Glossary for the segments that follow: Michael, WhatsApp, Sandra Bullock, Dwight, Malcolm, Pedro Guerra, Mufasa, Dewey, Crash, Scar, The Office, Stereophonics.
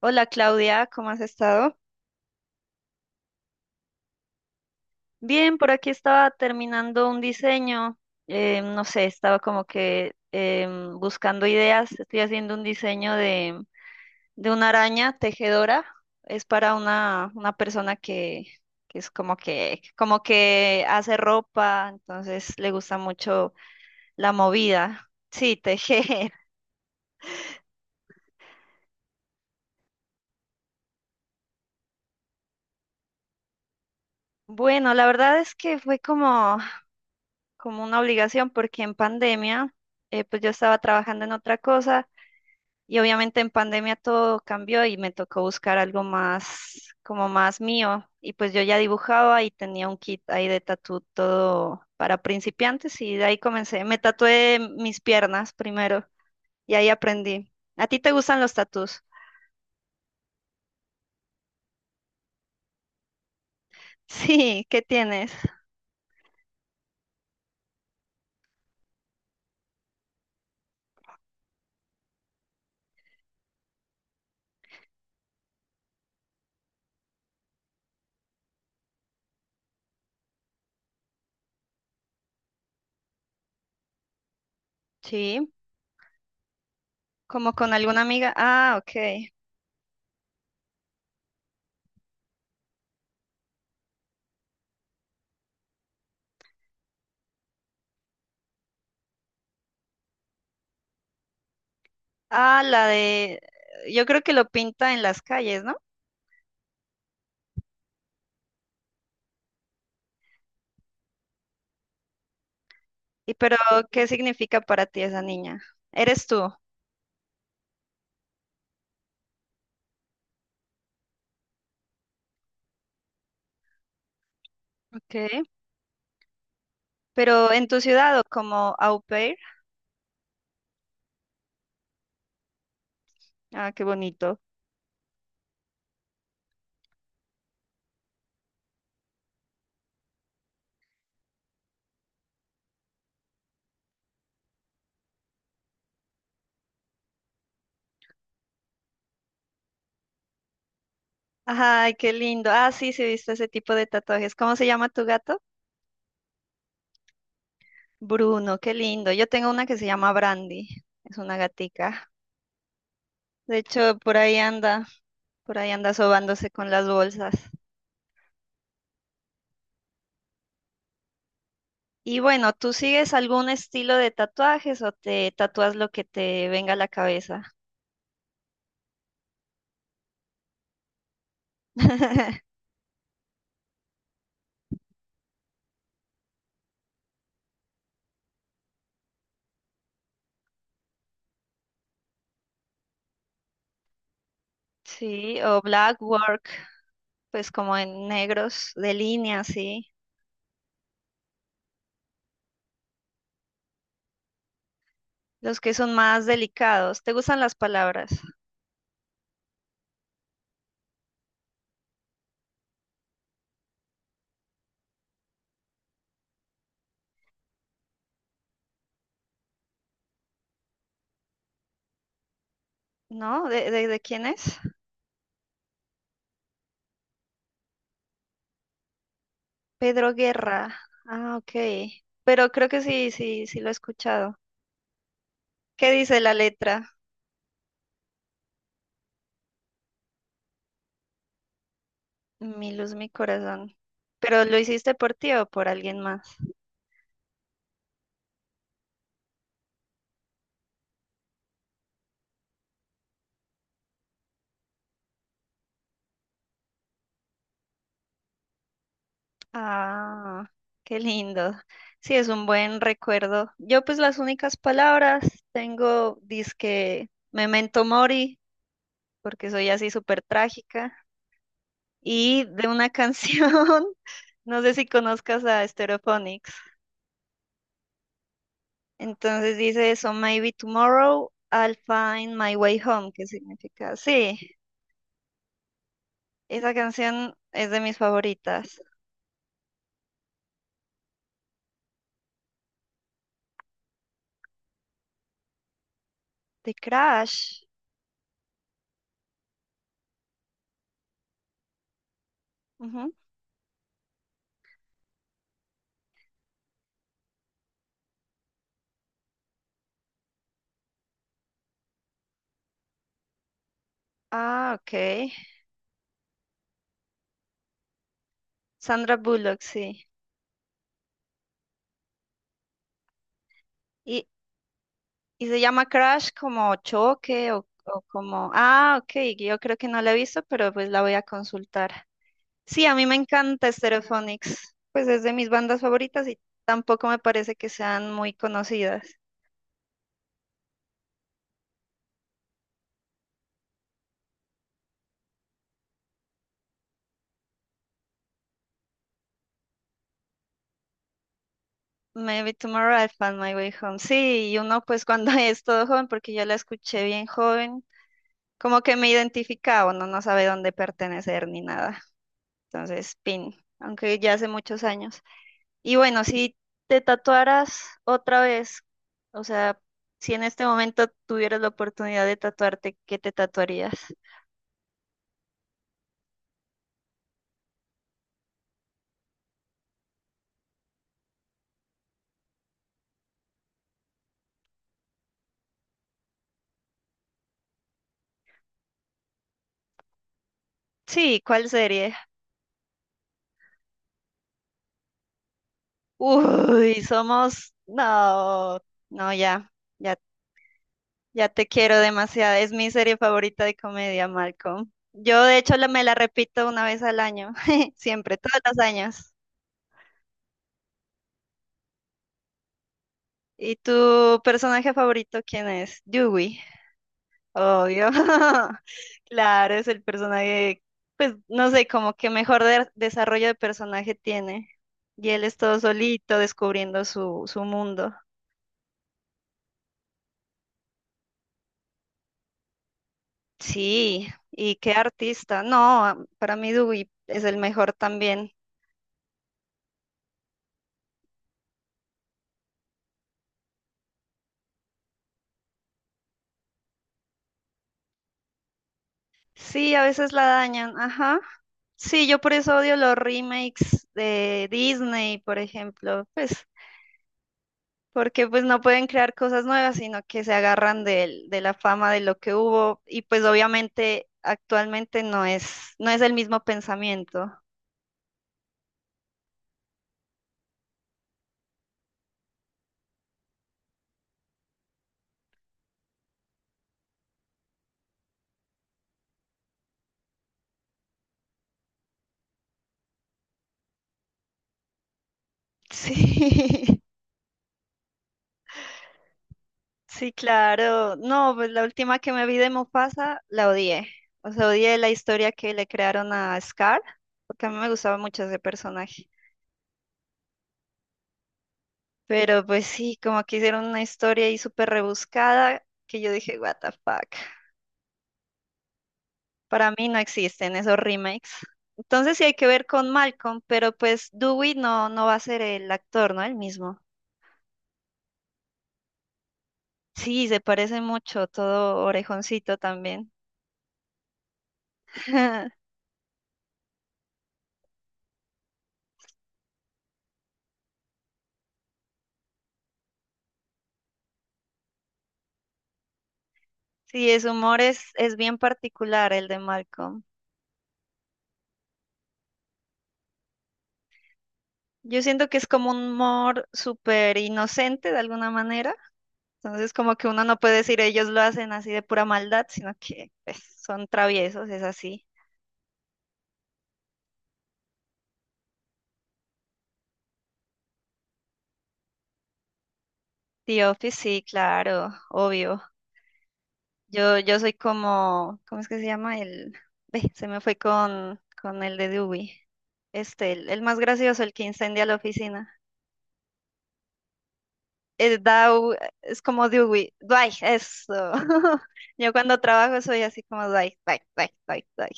Hola Claudia, ¿cómo has estado? Bien, por aquí estaba terminando un diseño, no sé, estaba como que buscando ideas, estoy haciendo un diseño de una araña tejedora, es para una persona que es como que hace ropa, entonces le gusta mucho la movida, sí, tejer. Bueno, la verdad es que fue como, como una obligación porque en pandemia, pues yo estaba trabajando en otra cosa. Y obviamente en pandemia todo cambió y me tocó buscar algo más, como más mío. Y pues yo ya dibujaba y tenía un kit ahí de tatú todo para principiantes y de ahí comencé. Me tatué mis piernas primero y ahí aprendí. ¿A ti te gustan los tatús? Sí, ¿qué tienes? Sí, como con alguna amiga. Ah, ok. Ah, la de, yo creo que lo pinta en las calles, ¿no? Y pero, ¿qué significa para ti esa niña? ¿Eres tú? Ok. Pero en tu ciudad o como au pair. Ah, qué bonito. Ay, qué lindo. Ah, sí, sí, he visto ese tipo de tatuajes. ¿Cómo se llama tu gato? Bruno, qué lindo. Yo tengo una que se llama Brandy. Es una gatica. De hecho, por ahí anda sobándose con las bolsas. Y bueno, ¿tú sigues algún estilo de tatuajes o te tatúas lo que te venga a la cabeza? Sí, o black work, pues como en negros, de línea, sí. Los que son más delicados. ¿Te gustan las palabras? ¿No? ¿De quién es? Pedro Guerra. Ah, ok. Pero creo que sí, sí, sí lo he escuchado. ¿Qué dice la letra? Mi luz, mi corazón. ¿Pero lo hiciste por ti o por alguien más? Ah, qué lindo. Sí, es un buen recuerdo. Yo pues las únicas palabras tengo dizque Memento Mori, porque soy así súper trágica, y de una canción. No sé si conozcas a Stereophonics. Entonces dice eso, Maybe Tomorrow I'll Find My Way Home, que significa, sí, esa canción es de mis favoritas. The Crash. Ujú. Ah, ok. Sandra Bullock, sí. Y, y se llama Crash como choque o como... Ah, ok, yo creo que no la he visto, pero pues la voy a consultar. Sí, a mí me encanta Stereophonics, pues es de mis bandas favoritas y tampoco me parece que sean muy conocidas. Maybe Tomorrow I'll Find My Way Home. Sí, y uno pues cuando es todo joven, porque yo la escuché bien joven, como que me identificaba, uno no sabe dónde pertenecer ni nada. Entonces, pin, aunque ya hace muchos años. Y bueno, si te tatuaras otra vez, o sea, si en este momento tuvieras la oportunidad de tatuarte, ¿qué te tatuarías? Sí, ¿cuál serie? Uy, somos... No, no, ya, ya. Ya te quiero demasiado. Es mi serie favorita de comedia, Malcolm. Yo, de hecho, la, me la repito una vez al año. Siempre, todos los años. ¿Y tu personaje favorito quién es? Dewey. Obvio. Claro, es el personaje, pues no sé, como que mejor desarrollo de personaje tiene. Y él es todo solito descubriendo su, su mundo. Sí, y qué artista. No, para mí Dewey es el mejor también. Sí, a veces la dañan, ajá. Sí, yo por eso odio los remakes de Disney, por ejemplo, pues porque pues no pueden crear cosas nuevas, sino que se agarran de, la fama de lo que hubo y pues obviamente actualmente no es el mismo pensamiento. Sí. Sí, claro. No, pues la última que me vi de Mufasa la odié. O sea, odié la historia que le crearon a Scar, porque a mí me gustaba mucho ese personaje. Pero pues sí, como que hicieron una historia ahí súper rebuscada que yo dije, what the fuck. Para mí no existen esos remakes. Entonces sí hay que ver con Malcolm, pero pues Dewey no, no va a ser el actor, ¿no? El mismo. Sí, se parece mucho, todo orejoncito también. Sí, su humor es bien particular el de Malcolm. Yo siento que es como un humor súper inocente de alguna manera. Entonces, como que uno no puede decir ellos lo hacen así de pura maldad, sino que pues, son traviesos, es así. The Office, sí, claro, obvio. Yo soy como, ¿cómo es que se llama? El, ve, se me fue con el de Dewey. Este, el más gracioso, el que incendia la oficina. Es Dow, es como Dewey. Dwight, eso. Yo cuando trabajo soy así como Dwight, Dwight, Dwight, Dwight, Dwight.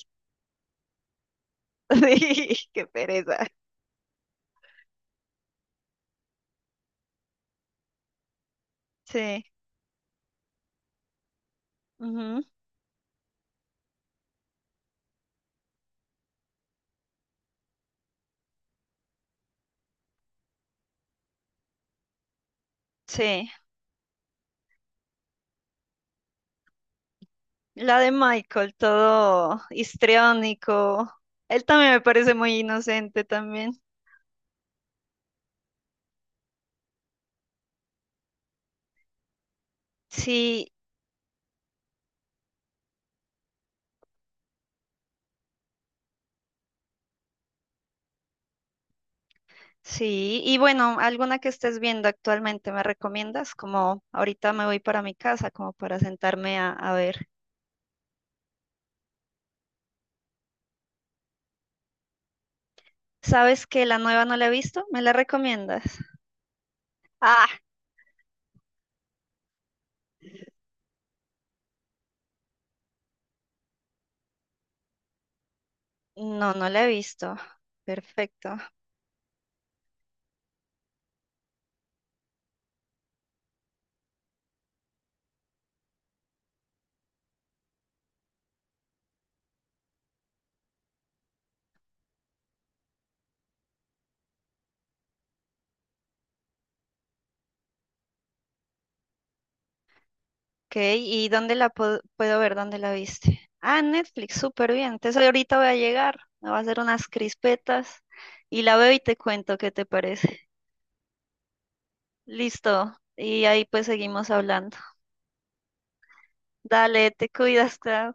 Sí, qué pereza. Sí, ujú, sí. La de Michael, todo histriónico. Él también me parece muy inocente también. Sí, sí. Y bueno, ¿alguna que estés viendo actualmente me recomiendas? Como ahorita me voy para mi casa, como para sentarme a ver. ¿Sabes que la nueva no la he visto? ¿Me la recomiendas? Ah, no, no la he visto. Perfecto. Ok, ¿y dónde la puedo ver? ¿Dónde la viste? Ah, en Netflix, súper bien. Entonces ahorita voy a llegar, me voy a hacer unas crispetas y la veo y te cuento qué te parece. Listo, y ahí pues seguimos hablando. Dale, te cuidas, Clau.